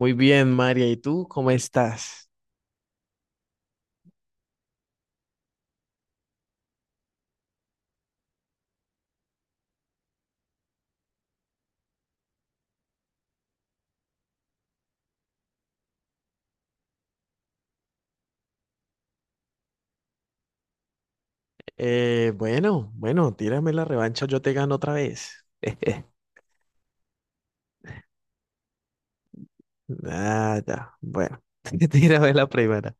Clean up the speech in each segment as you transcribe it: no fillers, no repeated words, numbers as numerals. Muy bien, María. ¿Y tú cómo estás? Bueno, Tírame la revancha, yo te gano otra vez. Ah, ya. Bueno, tírame la primera.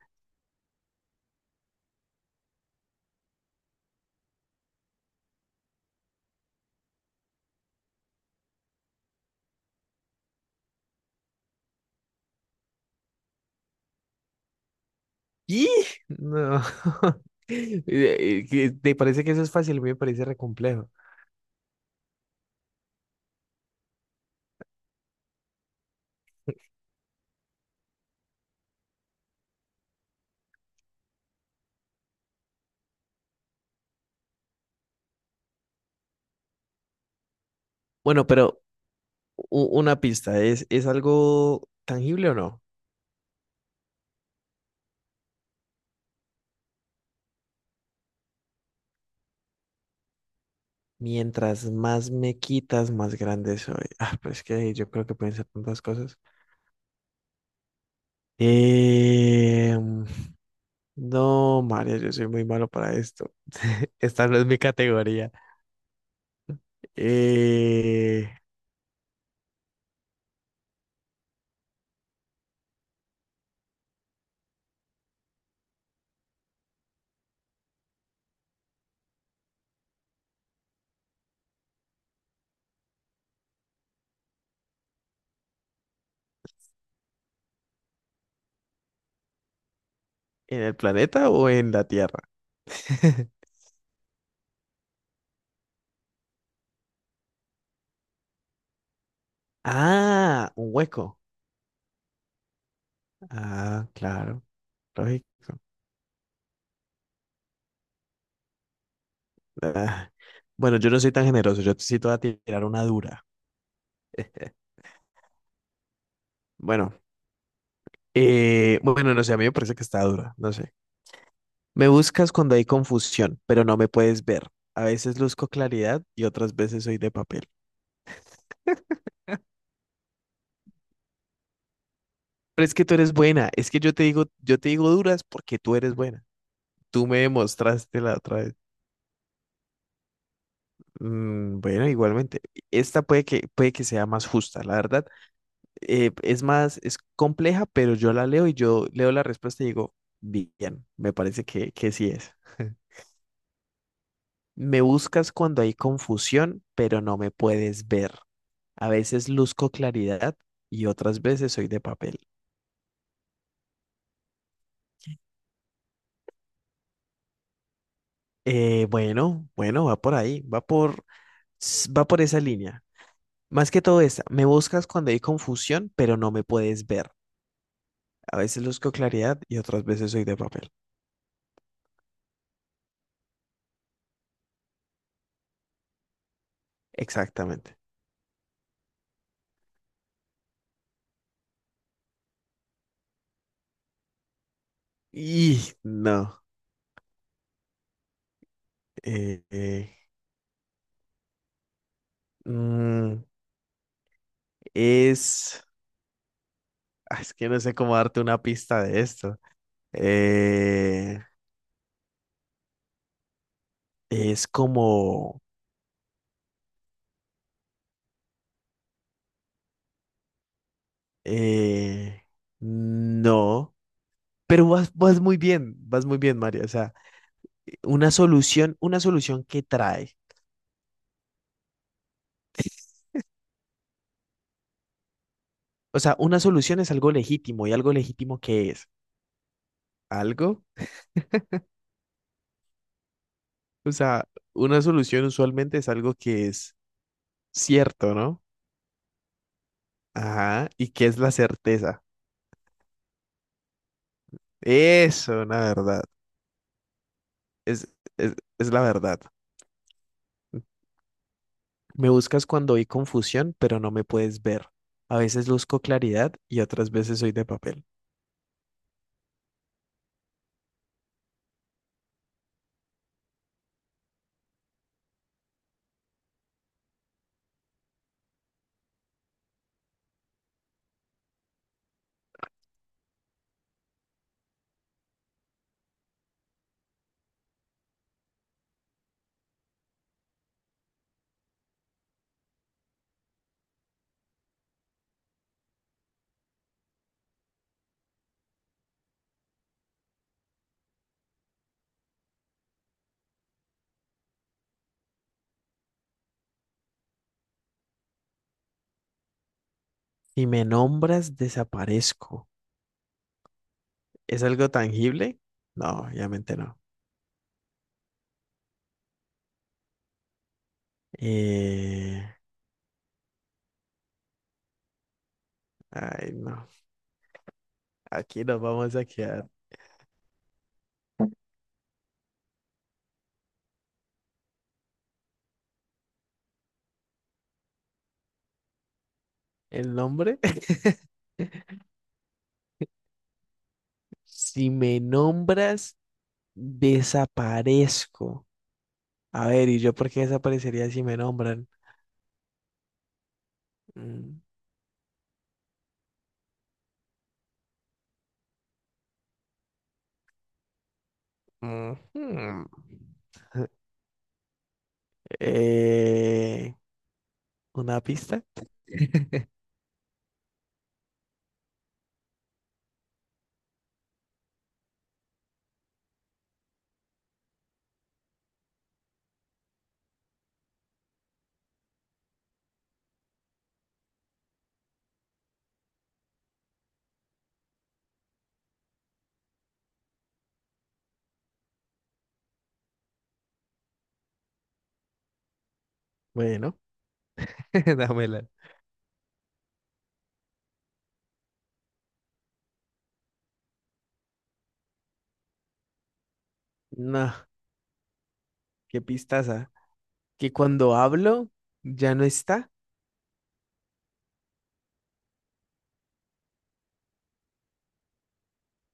¡Y! No. ¿Te parece que eso es fácil? A mí me parece re complejo. Bueno, pero una pista, ¿es algo tangible o no? Mientras más me quitas, más grande soy. Ah, pues que yo creo que pueden ser tantas cosas. Eh, No, María, yo soy muy malo para esto. Esta no es mi categoría. Eh, ¿En el planeta o en la Tierra? Ah, un hueco. Ah, claro, lógico. Ah, Bueno, yo no soy tan generoso, yo sí te voy a tirar una dura. Bueno, bueno, no sé, a mí me parece que está dura, no sé. Me buscas cuando hay confusión, pero no me puedes ver. A veces luzco claridad y otras veces soy de papel. Pero es que tú eres buena, es que yo te digo duras porque tú eres buena. Tú me demostraste la otra vez. Mm, bueno, igualmente, esta puede que sea más justa, la verdad. Es más, es compleja, pero yo la leo y yo leo la respuesta y digo, bien, me parece que sí es. Me buscas cuando hay confusión, pero no me puedes ver. A veces luzco claridad y otras veces soy de papel. Bueno, va por ahí, va por esa línea. Más que todo esta, me buscas cuando hay confusión, pero no me puedes ver. A veces busco claridad y otras veces soy de papel. Exactamente. Y no. eh, eh, mm, es. Es que no sé cómo darte una pista de esto. Eh, es como. eh, no. Pero vas, vas muy bien, Mario. O sea, una solución que trae. O sea, una solución es algo legítimo y algo legítimo que es. Algo. O sea, una solución usualmente es algo que es cierto, ¿no? Ajá, y que es la certeza. Eso, la verdad. Es, es la verdad. Me buscas cuando hay confusión, pero no me puedes ver. A veces busco claridad y otras veces soy de papel. Si me nombras, desaparezco. ¿Es algo tangible? No, obviamente no. Eh, ay, no. Aquí nos vamos a quedar. ¿El nombre? Si me nombras, desaparezco. A ver, ¿y yo por qué desaparecería si me nombran? Mm, ujú. Eh, ¿una pista? Bueno, dámela. No, qué pistaza. Que cuando hablo ya no está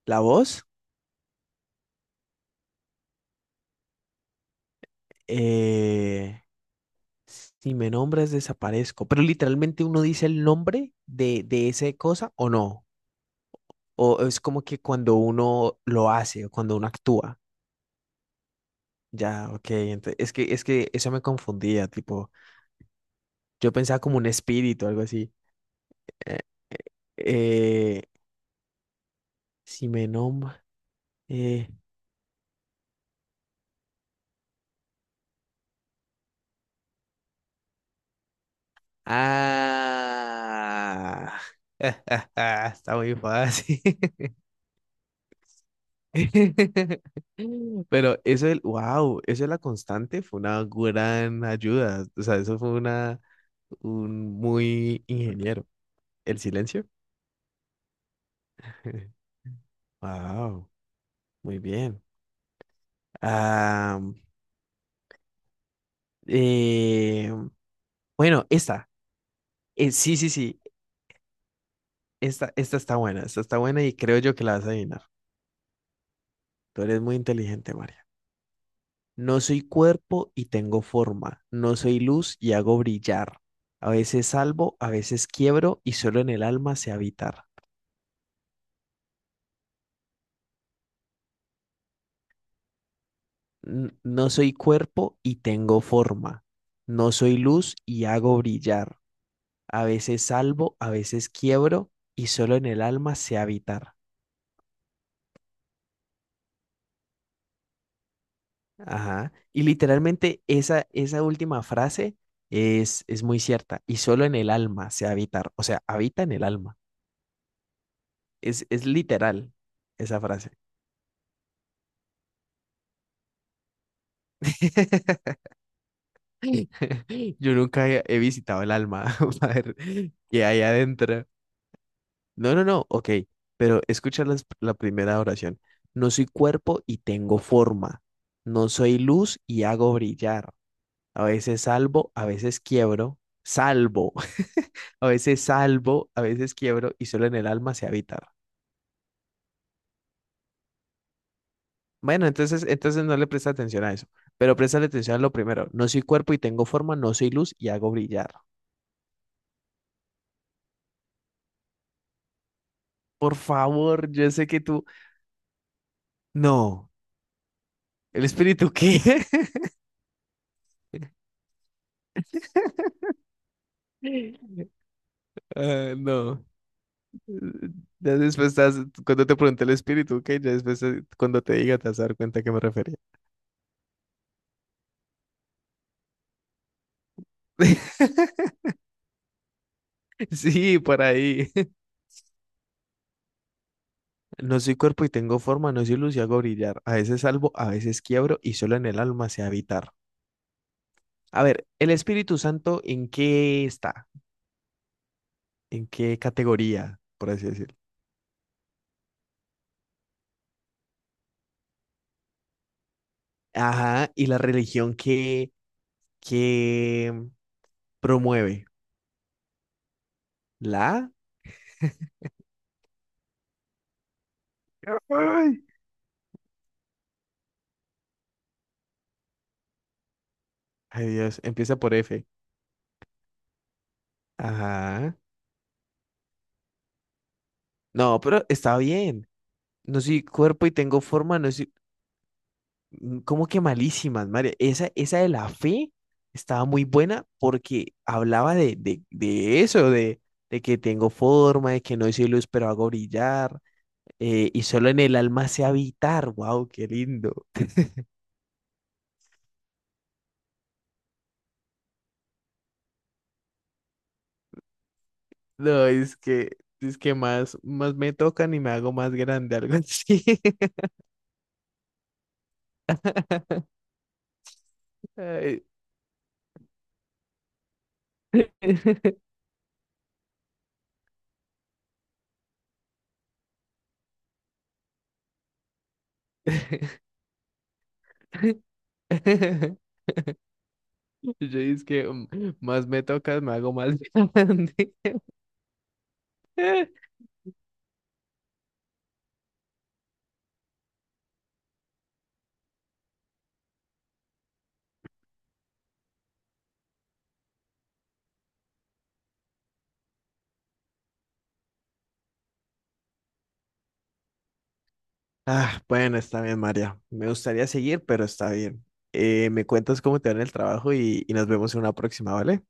la voz. Eh, si me nombras, desaparezco. Pero literalmente uno dice el nombre de esa cosa o no. O es como que cuando uno lo hace o cuando uno actúa. Ya, ok. Es que eso me confundía, tipo, yo pensaba como un espíritu, algo así. Eh, eh, si me nombra. Eh, ah. Está muy fácil. Pero eso del, wow, eso de la constante fue una gran ayuda. O sea, eso fue una, un muy ingeniero. El silencio. Wow, muy bien. Eh, bueno, esta. Sí, sí, sí. Esta está buena. Esta está buena y creo yo que la vas a adivinar. Tú eres muy inteligente, María. No soy cuerpo y tengo forma. No soy luz y hago brillar. A veces salvo, a veces quiebro y solo en el alma sé habitar. No soy cuerpo y tengo forma. No soy luz y hago brillar. A veces salvo, a veces quiebro y solo en el alma sé habitar. Ajá. Y literalmente esa, esa última frase es muy cierta. Y solo en el alma se habita. O sea, habita en el alma. Es literal esa frase. Yo nunca he visitado el alma para ver qué hay adentro. No, no, no. Ok. Pero escucha la primera oración. No soy cuerpo y tengo forma. No soy luz y hago brillar. A veces salvo, a veces quiebro. Salvo. A veces salvo, a veces quiebro y solo en el alma sé habitar. Bueno, entonces, entonces no le presta atención a eso, pero presta atención a lo primero. No soy cuerpo y tengo forma, no soy luz y hago brillar. Por favor, yo sé que tú... No, ¿el espíritu qué? Ah, no. Ya después estás, cuando te pregunté el espíritu, ¿qué? Ya después cuando te diga te vas a dar cuenta a qué me refería. Sí, por ahí. No soy cuerpo y tengo forma, no soy luz y hago brillar. A veces salvo, a veces quiebro y solo en el alma sé habitar. A ver, ¿el Espíritu Santo en qué está? ¿En qué categoría, por así decirlo? Ajá, y la religión que promueve. ¿La? Ay, Ay, Dios, empieza por F. Ajá. No, pero está bien. No soy cuerpo y tengo forma, no soy Mm, ¿cómo que malísimas, María? Esa de la fe estaba muy buena porque hablaba de eso, de que tengo forma, de que no soy luz, pero hago brillar, y solo en el alma sé habitar. ¡Wow, qué lindo! No, es que más, más me tocan y me hago más grande, algo así. Ay. Yo es que mm, más me tocas, me hago más grande. Ah, bueno, está bien, María. Me gustaría seguir, pero está bien. Me cuentas cómo te va en el trabajo y nos vemos en una próxima, ¿vale?